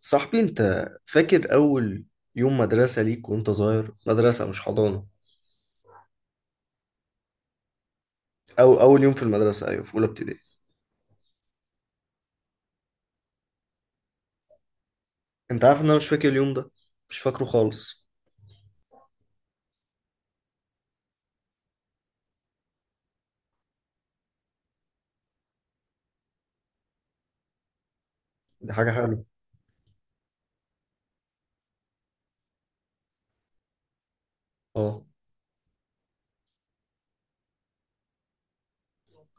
صاحبي انت فاكر اول يوم مدرسة ليك وانت صغير؟ مدرسة مش حضانة او اول يوم في المدرسة، ايوه في اولى ابتدائي. انت عارف ان انا مش فاكر اليوم ده؟ مش فاكره خالص. دي حاجة حلوة. اه.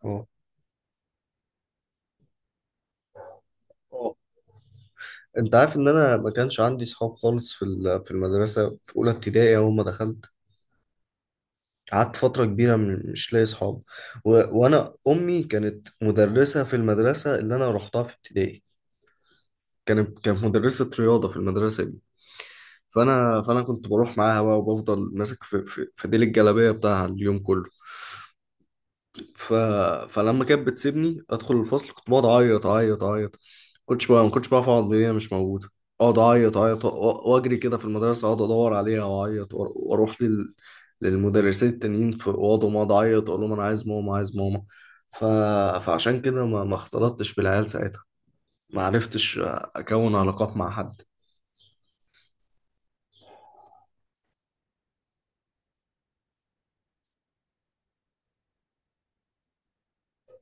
اه. اه. انت عارف ان انا ما كانش عندي صحاب خالص في المدرسة في اولى ابتدائي اول ما دخلت. قعدت فترة كبيرة مش لاقي صحاب و... وانا امي كانت مدرسة في المدرسة اللي انا رحتها في ابتدائي. كانت مدرسة رياضة في المدرسة دي. فأنا كنت بروح معاها بقى وبفضل ماسك في ديل الجلابية بتاعها اليوم كله. ف... فلما كانت بتسيبني أدخل الفصل كنت بقعد أعيط. كنتش بقى ما كنتش بعرف أقعد إن هي مش موجودة. أقعد أعيط وأجري كده في المدرسة، أقعد أدور عليها وأعيط للمدرسين التانيين في أوضهم أقعد أعيط أقول لهم أنا عايز ماما، عايز ماما. ف... فعشان كده ما اختلطتش بالعيال ساعتها. ما عرفتش أكون علاقات مع حد.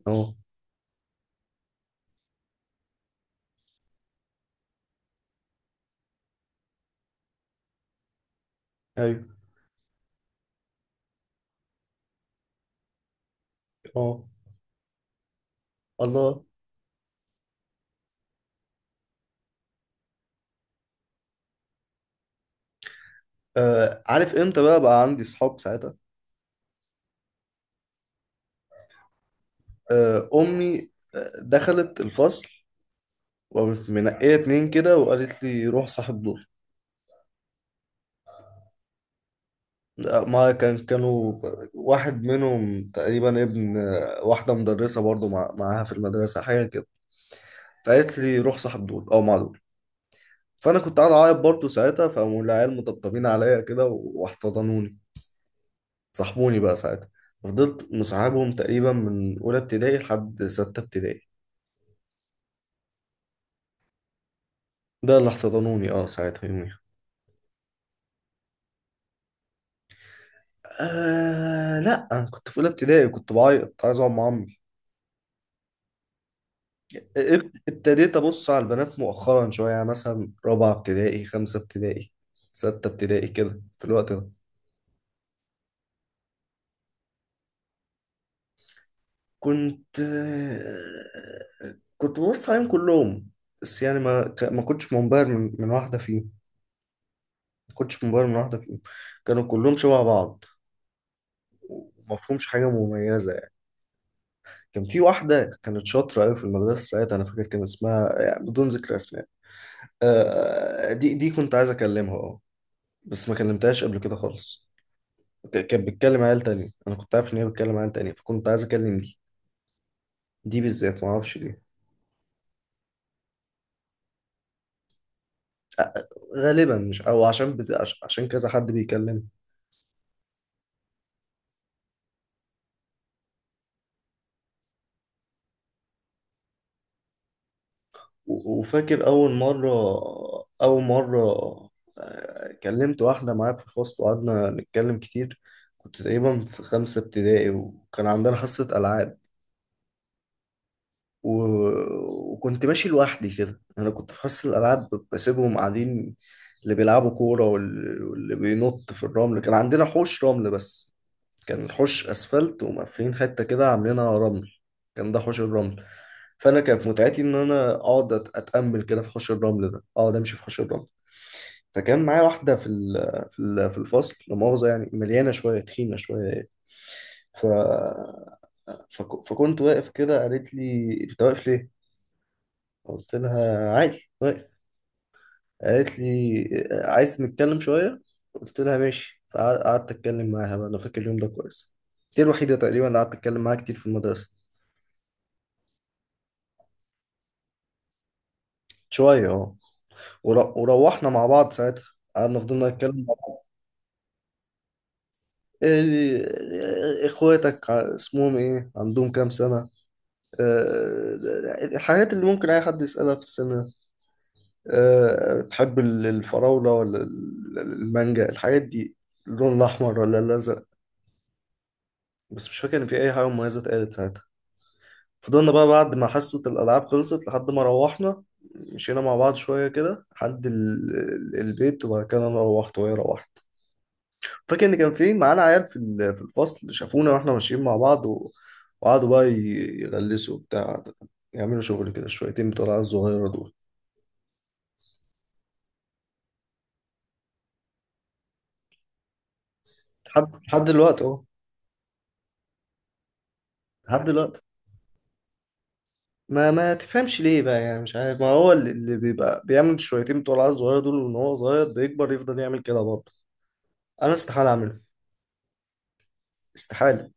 اه. ايوه. اه. الله. آه، عارف امتى بقى عندي صحاب ساعتها؟ آه امي، دخلت الفصل وقامت منقيه اتنين كده وقالت لي روح صاحب دول. ما كان، كانوا واحد منهم تقريبا ابن واحده مدرسه برضو مع معاها في المدرسه حاجه كده. فقالت لي روح صاحب دول او مع دول. فانا كنت قاعد اعيط برضو ساعتها، فقاموا العيال مطبطبين عليا كده واحتضنوني. صاحبوني بقى ساعتها. فضلت مصاحبهم تقريبا من اولى ابتدائي لحد سته ابتدائي. ده اللي احتضنوني، اه ساعتها يوميها. آه لا، انا كنت في اولى ابتدائي كنت بعيط عايز اقعد مع عمي. ابتديت ابص على البنات مؤخرا شويه، يعني مثلا رابعه ابتدائي، خمسه ابتدائي، سته ابتدائي كده في الوقت ده. كنت آه، كنت ببص عليهم كلهم. بس يعني ما كنتش منبهر من واحده فيهم. ما كنتش منبهر من واحده فيهم. كانوا كلهم شبه بعض وما فيهمش حاجه مميزه يعني. كان في واحده كانت شاطره قوي في المدرسه ساعتها، انا فاكر كان اسمها، يعني بدون ذكر اسماء، دي كنت عايز اكلمها اه. بس ما كلمتهاش قبل كده خالص. كانت بتكلم عيال تانية، انا كنت عارف ان هي بتكلم عيال تانية فكنت عايز اكلم دي. دي بالذات ما اعرفش ليه. آه، غالبا مش او عشان كذا حد بيكلمني. وفاكر اول مرة، اول مرة، كلمت واحدة معايا في الفصل وقعدنا نتكلم كتير. كنت تقريبا في خمسة ابتدائي وكان عندنا حصة ألعاب و... وكنت ماشي لوحدي كده. انا كنت في حصة الالعاب بسيبهم قاعدين، اللي بيلعبوا كورة واللي بينط في الرمل. كان عندنا حوش رمل بس، كان الحوش اسفلت ومقفلين حتة كده عاملينها رمل، كان ده حوش الرمل. فانا كانت متعتي ان انا اقعد اتامل كده في حوش الرمل ده، اقعد امشي في حوش الرمل. فكان معايا واحدة في الفصل لا مؤاخذة يعني مليانة شوية، تخينة شوية. ف... فكنت واقف كده قالت لي انت واقف ليه؟ قلت لها عادي واقف. قالت لي عايز نتكلم شوية؟ قلت لها ماشي، فقعدت أتكلم معاها بقى. أنا فاكر اليوم ده كويس. دي الوحيدة تقريبا اللي قعدت أتكلم معاها كتير في المدرسة. شوية اه. وروحنا مع بعض ساعتها، قعدنا فضلنا نتكلم مع بعض. إيه- إيه، إخواتك اسمهم إيه، عندهم كام سنة، آه، الحاجات اللي ممكن أي حد يسألها في السنة ده. بتحب الفراولة ولا المانجا، الحاجات دي، اللون الأحمر ولا الأزرق. بس مش فاكر ان في اي حاجه مميزه اتقالت ساعتها. فضلنا بقى بعد ما حصه الالعاب خلصت لحد ما روحنا، مشينا مع بعض شويه كده لحد البيت، وبعد كده انا روحت وهي روحت. فاكر ان كان في معانا عيال في الفصل شافونا واحنا ماشيين مع بعض وقعدوا بقى يغلسوا بتاع، يعملوا شغل كده شويتين بتوع العيال الصغيره دول. لحد دلوقتي اهو، لحد دلوقتي. ما تفهمش ليه بقى يعني، مش عارف. ما هو اللي بيبقى بيعمل شويتين بتوع العيال الصغيره دول وان هو صغير بيكبر يفضل يعمل كده برضه. انا استحاله اعمل، استحالة.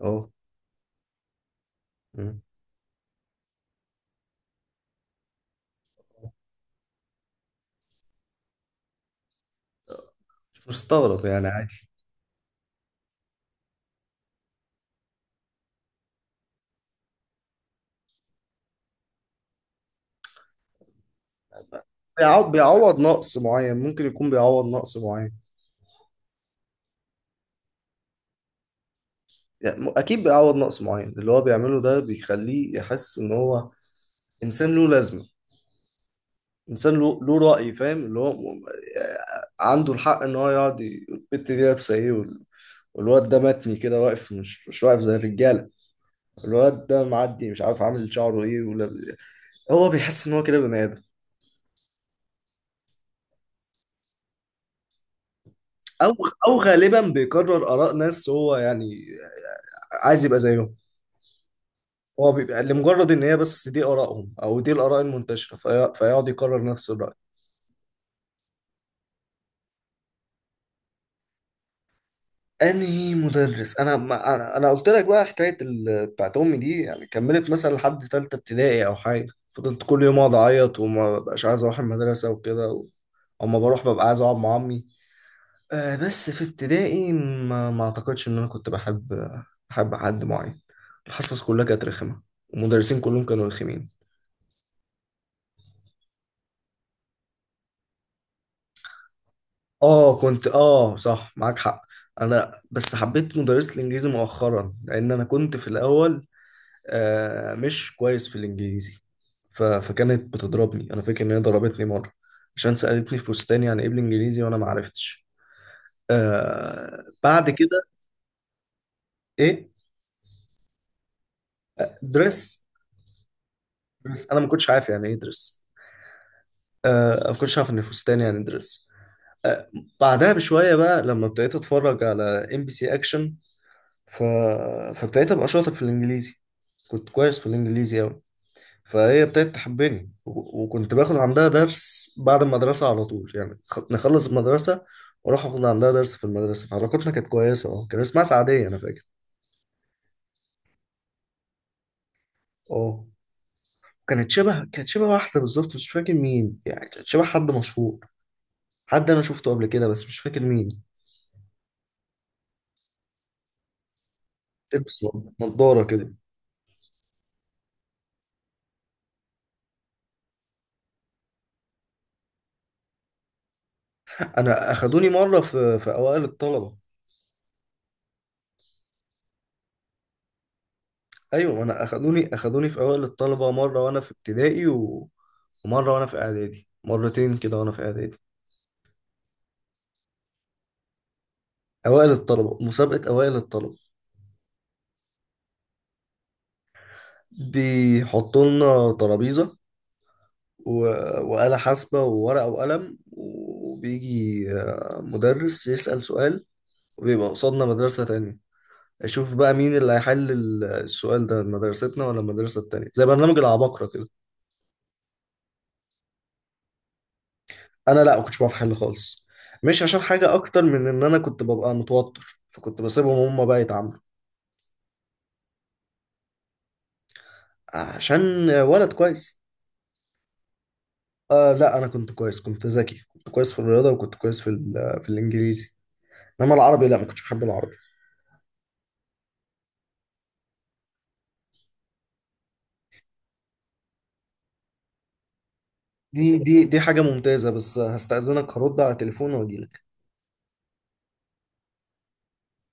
اه. مم. مش مستغرق يعني، عادي. بيعوض نقص معين، ممكن يكون بيعوض نقص معين. يعني أكيد بيعوض نقص معين. اللي هو بيعمله ده بيخليه يحس إن هو إنسان له لازمة، إنسان له رأي فاهم اللي هو آه، عنده الحق إن هو يقعد البت دي لابسة إيه والواد ده متني كده واقف مش، مش واقف زي الرجالة، الواد ده معدي مش عارف عامل شعره إيه ولا، هو بيحس إن هو كده بني آدم. أو، أو غالبا بيكرر آراء ناس، هو يعني عايز يبقى زيهم. هو بيبقى لمجرد ان هي بس دي ارائهم او دي الاراء المنتشره فيقعد يكرر نفس الراي. انهي مدرس؟ انا ما انا أنا قلت لك بقى حكايه بتاعت امي دي، يعني كملت مثلا لحد ثالثه ابتدائي او حاجه فضلت كل يوم اقعد اعيط وما بقاش عايز اروح المدرسه وكده اما بروح ببقى عايز اقعد مع عمي. آه بس في ابتدائي ما اعتقدش ان انا كنت بحب، بحب حد معين. الحصص كلها كانت رخمه، المدرسين كلهم كانوا رخمين. اه كنت اه، صح معاك حق. انا بس حبيت مدرسة الانجليزي مؤخرا لان انا كنت في الاول آه مش كويس في الانجليزي. فكانت بتضربني، انا فاكر ان هي ضربتني مرة عشان سألتني في فستان يعني ايه بالانجليزي وانا ما عرفتش. آه بعد كده. ايه دريس؟ دريس، انا ما كنتش عارف يعني ايه دريس. آه ما كنتش عارف ان الفستان يعني دريس. آه. بعدها بشوية بقى لما ابتديت اتفرج على ام بي سي اكشن، ف... فابتديت ابقى شاطر في الانجليزي، كنت كويس في الانجليزي قوي. فهي ابتدت تحبني وكنت باخد عندها درس بعد المدرسه على طول، يعني نخلص المدرسه واروح اخد عندها درس في المدرسه. فعلاقتنا كانت كويسه اه. كان اسمها سعديه انا فاكر. اه. كانت شبه واحده بالظبط مش فاكر مين، يعني كانت شبه حد مشهور، حد انا شفته قبل كده بس مش فاكر مين. تلبس نضاره كده. انا اخدوني مره في اوائل الطلبه. ايوه انا اخدوني في اوائل الطلبه مره وانا في ابتدائي ومره وانا في اعدادي، مرتين كده وانا في اعدادي. اوائل الطلبه، مسابقه اوائل الطلبه. بيحطوا لنا ترابيزه و... وآلة حاسبه وورقه وقلم، وبيجي مدرس يسأل سؤال وبيبقى قصادنا مدرسه تانية، اشوف بقى مين اللي هيحل السؤال ده، مدرستنا ولا المدرسه التانية، زي برنامج العباقرة كده. انا لا ما كنتش بعرف احل خالص، مش عشان حاجه اكتر من ان انا كنت ببقى متوتر فكنت بسيبهم هم بقى يتعاملوا. عشان ولد كويس. آه لا انا كنت كويس، كنت ذكي، كنت كويس في الرياضه وكنت كويس في الانجليزي. انما العربي لا ما كنتش بحب العربي. دي حاجه ممتازه بس هستأذنك هرد على تليفون واجيلك.